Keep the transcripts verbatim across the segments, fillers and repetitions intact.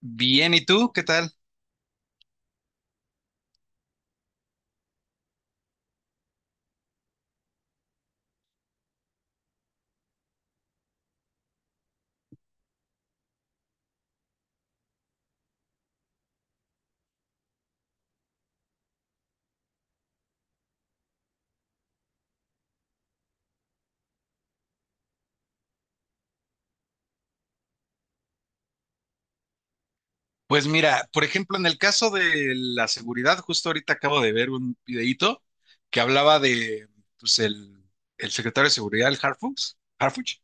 Bien, ¿y tú? ¿Qué tal? Pues mira, por ejemplo, en el caso de la seguridad, justo ahorita acabo de ver un videíto que hablaba de, pues, el, el secretario de seguridad, el Harfuch, Harfuch,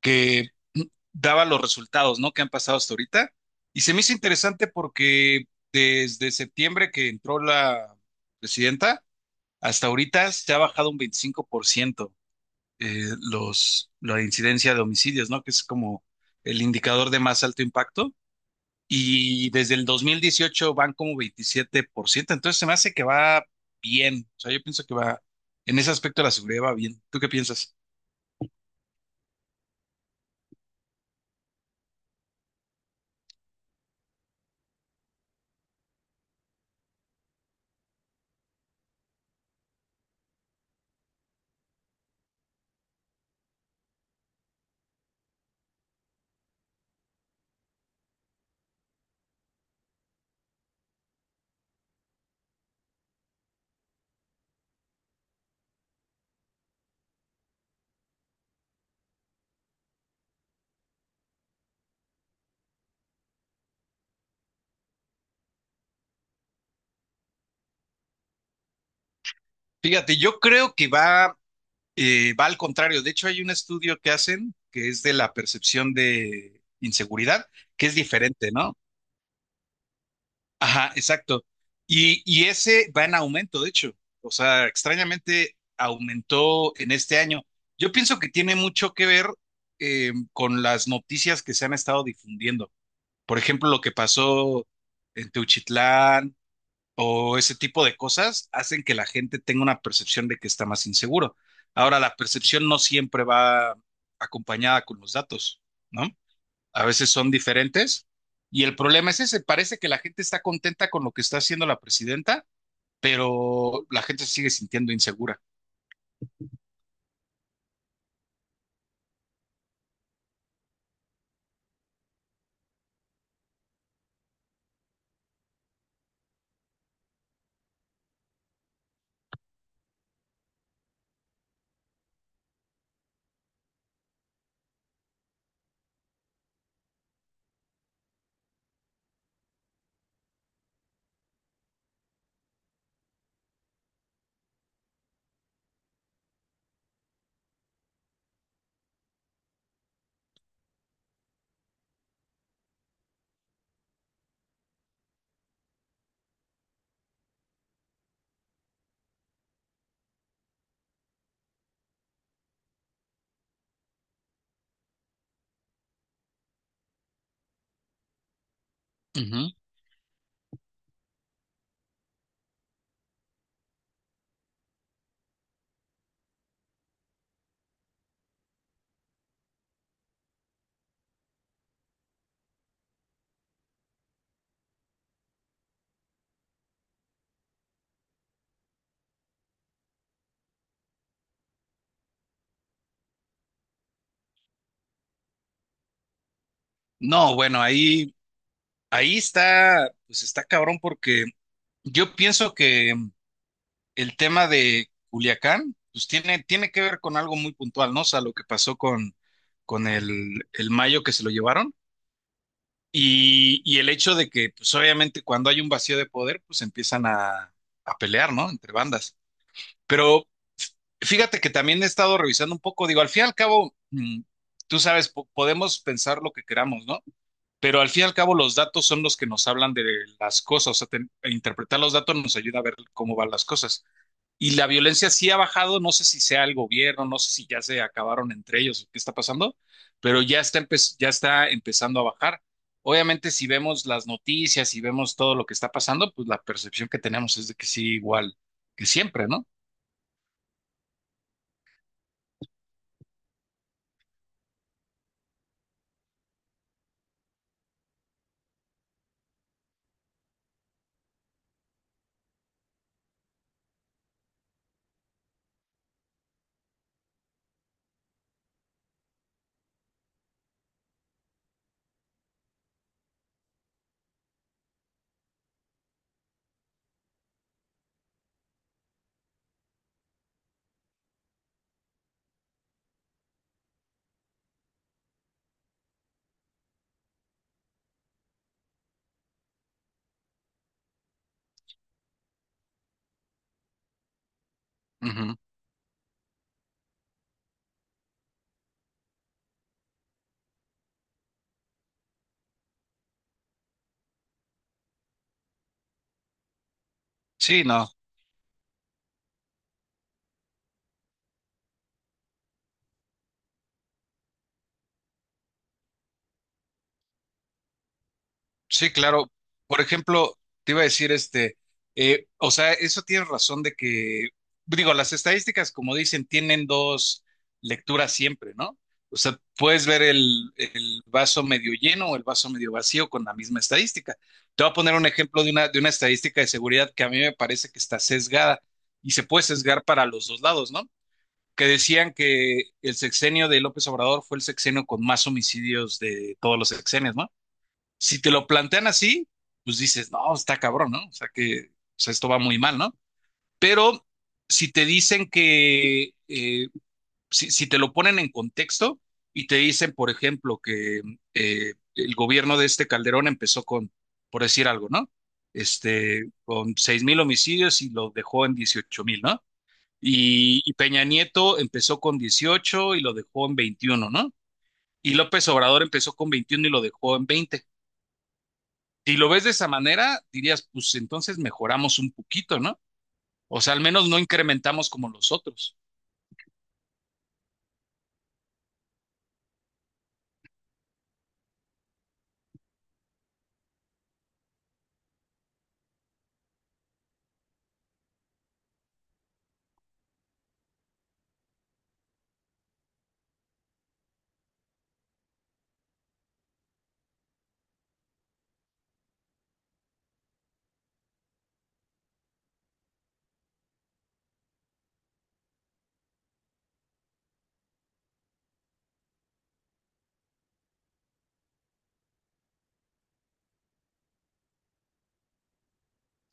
que daba los resultados, ¿no?, que han pasado hasta ahorita. Y se me hizo interesante porque desde septiembre que entró la presidenta, hasta ahorita se ha bajado un veinticinco por ciento eh, los, la incidencia de homicidios, ¿no?, que es como el indicador de más alto impacto. Y desde el dos mil dieciocho van como veintisiete por ciento. Entonces se me hace que va bien. O sea, yo pienso que va, en ese aspecto la seguridad va bien. ¿Tú qué piensas? Fíjate, yo creo que va, eh, va al contrario. De hecho, hay un estudio que hacen que es de la percepción de inseguridad, que es diferente, ¿no? Ajá, exacto. Y, y ese va en aumento, de hecho. O sea, extrañamente aumentó en este año. Yo pienso que tiene mucho que ver eh, con las noticias que se han estado difundiendo. Por ejemplo, lo que pasó en Teuchitlán o ese tipo de cosas hacen que la gente tenga una percepción de que está más inseguro. Ahora, la percepción no siempre va acompañada con los datos, ¿no? A veces son diferentes. Y el problema es ese, parece que la gente está contenta con lo que está haciendo la presidenta, pero la gente se sigue sintiendo insegura. Ujú. No, bueno, ahí, ahí está, pues está cabrón porque yo pienso que el tema de Culiacán, pues tiene, tiene que ver con algo muy puntual, ¿no? O sea, lo que pasó con, con el, el Mayo, que se lo llevaron, y, y el hecho de que, pues obviamente cuando hay un vacío de poder, pues empiezan a, a pelear, ¿no? Entre bandas. Pero fíjate que también he estado revisando un poco, digo, al fin y al cabo, mm, tú sabes, po- podemos pensar lo que queramos, ¿no? Pero al fin y al cabo los datos son los que nos hablan de las cosas. O sea, ten- e interpretar los datos nos ayuda a ver cómo van las cosas. Y la violencia sí ha bajado, no sé si sea el gobierno, no sé si ya se acabaron entre ellos, qué está pasando, pero ya está, empe- ya está empezando a bajar. Obviamente, si vemos las noticias y vemos todo lo que está pasando, pues la percepción que tenemos es de que sí, igual que siempre, ¿no? Ujú. Sí, no. Sí, claro. Por ejemplo, te iba a decir este, eh, o sea, eso tienes razón de que, digo, las estadísticas, como dicen, tienen dos lecturas siempre, ¿no? O sea, puedes ver el, el vaso medio lleno o el vaso medio vacío con la misma estadística. Te voy a poner un ejemplo de una, de una estadística de seguridad que a mí me parece que está sesgada y se puede sesgar para los dos lados, ¿no? Que decían que el sexenio de López Obrador fue el sexenio con más homicidios de todos los sexenios, ¿no? Si te lo plantean así, pues dices, no, está cabrón, ¿no? O sea que o sea, esto va muy mal, ¿no? Pero si te dicen que, eh, si, si te lo ponen en contexto y te dicen, por ejemplo, que eh, el gobierno de este Calderón empezó con, por decir algo, ¿no? Este, con seis mil homicidios y lo dejó en dieciocho mil, ¿no? Y, y Peña Nieto empezó con dieciocho y lo dejó en veintiuno, ¿no? Y López Obrador empezó con veintiuno y lo dejó en veinte. Si lo ves de esa manera, dirías, pues entonces mejoramos un poquito, ¿no? O sea, al menos no incrementamos como los otros.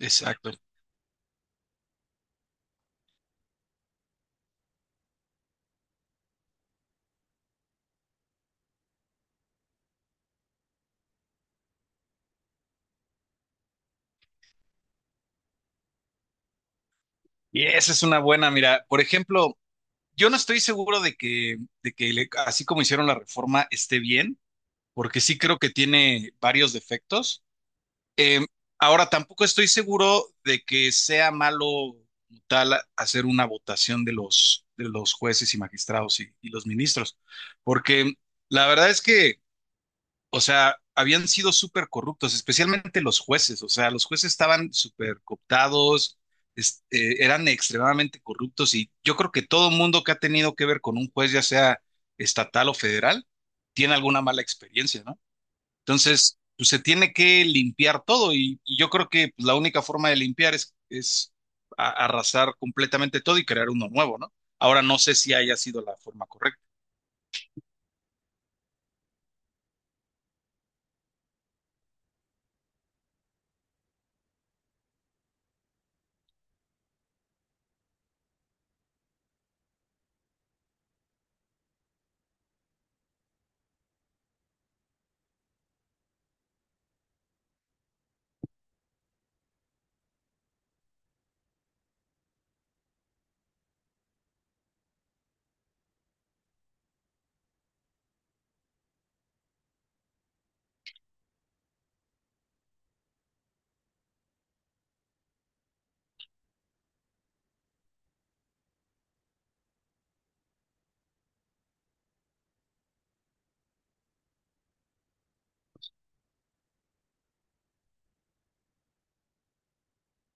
Exacto. Y esa es una buena, mira, por ejemplo, yo no estoy seguro de que, de que le- así como hicieron la reforma esté bien, porque sí creo que tiene varios defectos. Eh, ahora, tampoco estoy seguro de que sea malo como tal hacer una votación de los, de los jueces y magistrados y, y los ministros, porque la verdad es que... o sea, habían sido súper corruptos, especialmente los jueces, o sea, los jueces estaban súper cooptados, este, eran extremadamente corruptos y yo creo que todo mundo que ha tenido que ver con un juez, ya sea estatal o federal, tiene alguna mala experiencia, ¿no? Entonces, pues se tiene que limpiar todo y, y yo creo que, pues, la única forma de limpiar es, es a- arrasar completamente todo y crear uno nuevo, ¿no? Ahora no sé si haya sido la forma correcta.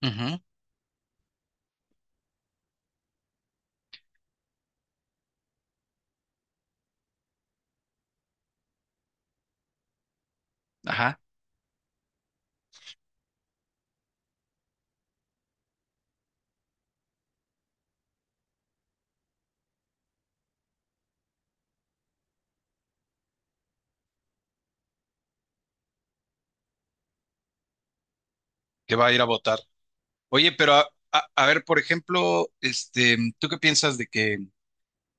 Ujú. Ajá. Que va a ir a votar. Oye, pero a, a- a ver, por ejemplo, este, ¿tú qué piensas de que,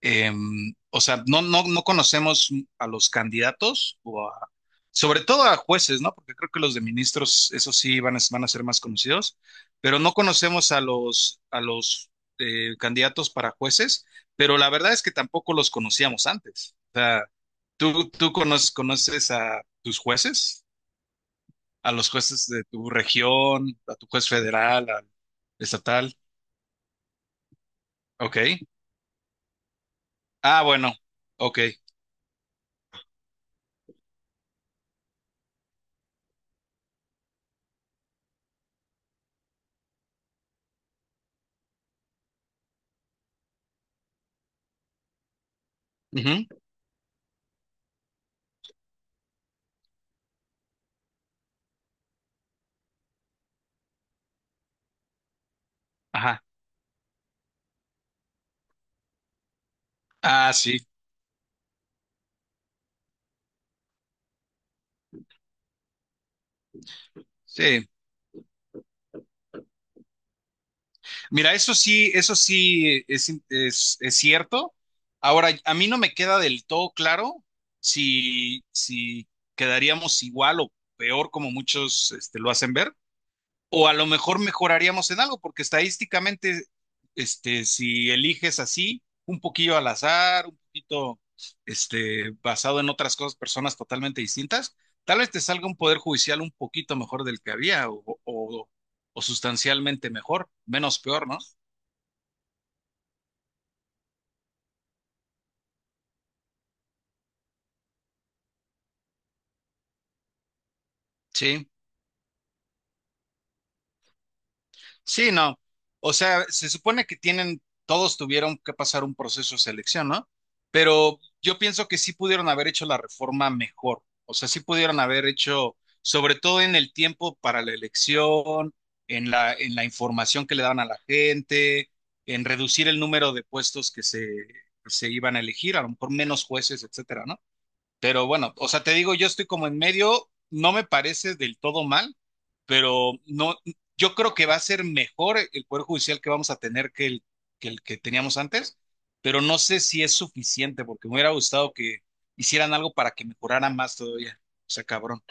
em, o sea, no, no, no conocemos a los candidatos o a, sobre todo a jueces, ¿no? Porque creo que los de ministros, eso sí, van a, van a ser más conocidos, pero no conocemos a los, a los eh, candidatos para jueces, pero la verdad es que tampoco los conocíamos antes. O sea, ¿tú, tú conoces, conoces a tus jueces? ¿A los jueces de tu región, a tu juez federal, al estatal? Ok. Ah, bueno. Ok. Ujú. Ajá. Ah, sí. Sí. Mira, eso sí, eso sí es, es, es cierto. Ahora, a mí no me queda del todo claro si, si quedaríamos igual o peor, como muchos este, lo hacen ver. O a lo mejor mejoraríamos en algo, porque estadísticamente, este, si eliges así, un poquillo al azar, un poquito, este, basado en otras cosas, personas totalmente distintas, tal vez te salga un poder judicial un poquito mejor del que había, o, o, o sustancialmente mejor, menos peor, ¿no? Sí, sí, no. O sea, se supone que tienen, todos tuvieron que pasar un proceso de selección, ¿no? Pero yo pienso que sí pudieron haber hecho la reforma mejor. O sea, sí pudieron haber hecho, sobre todo en el tiempo para la elección, en la, en la información que le daban a la gente, en reducir el número de puestos que se, se iban a elegir, a lo mejor menos jueces, etcétera, ¿no? Pero bueno, o sea, te digo, yo estoy como en medio, no me parece del todo mal, pero no, yo creo que va a ser mejor el Poder Judicial que vamos a tener que el que, el que teníamos antes, pero no sé si es suficiente, porque me hubiera gustado que hicieran algo para que mejorara más todavía. O sea, cabrón.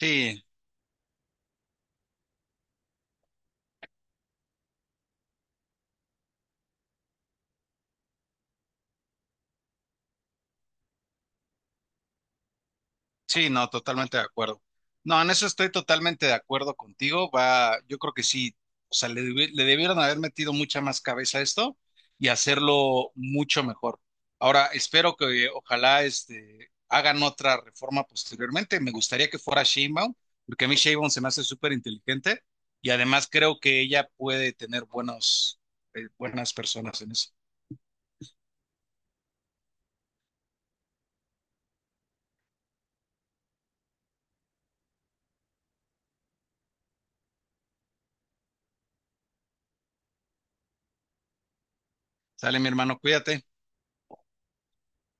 Sí. Sí, no, totalmente de acuerdo. No, en eso estoy totalmente de acuerdo contigo. Va, yo creo que sí, o sea, le, debi- le debieron haber metido mucha más cabeza a esto y hacerlo mucho mejor. Ahora, espero que eh, ojalá este, hagan otra reforma posteriormente. Me gustaría que fuera Sheinbaum, porque a mí Sheinbaum se me hace súper inteligente y además creo que ella puede tener buenos, eh, buenas personas en eso. Sale, mi hermano, cuídate.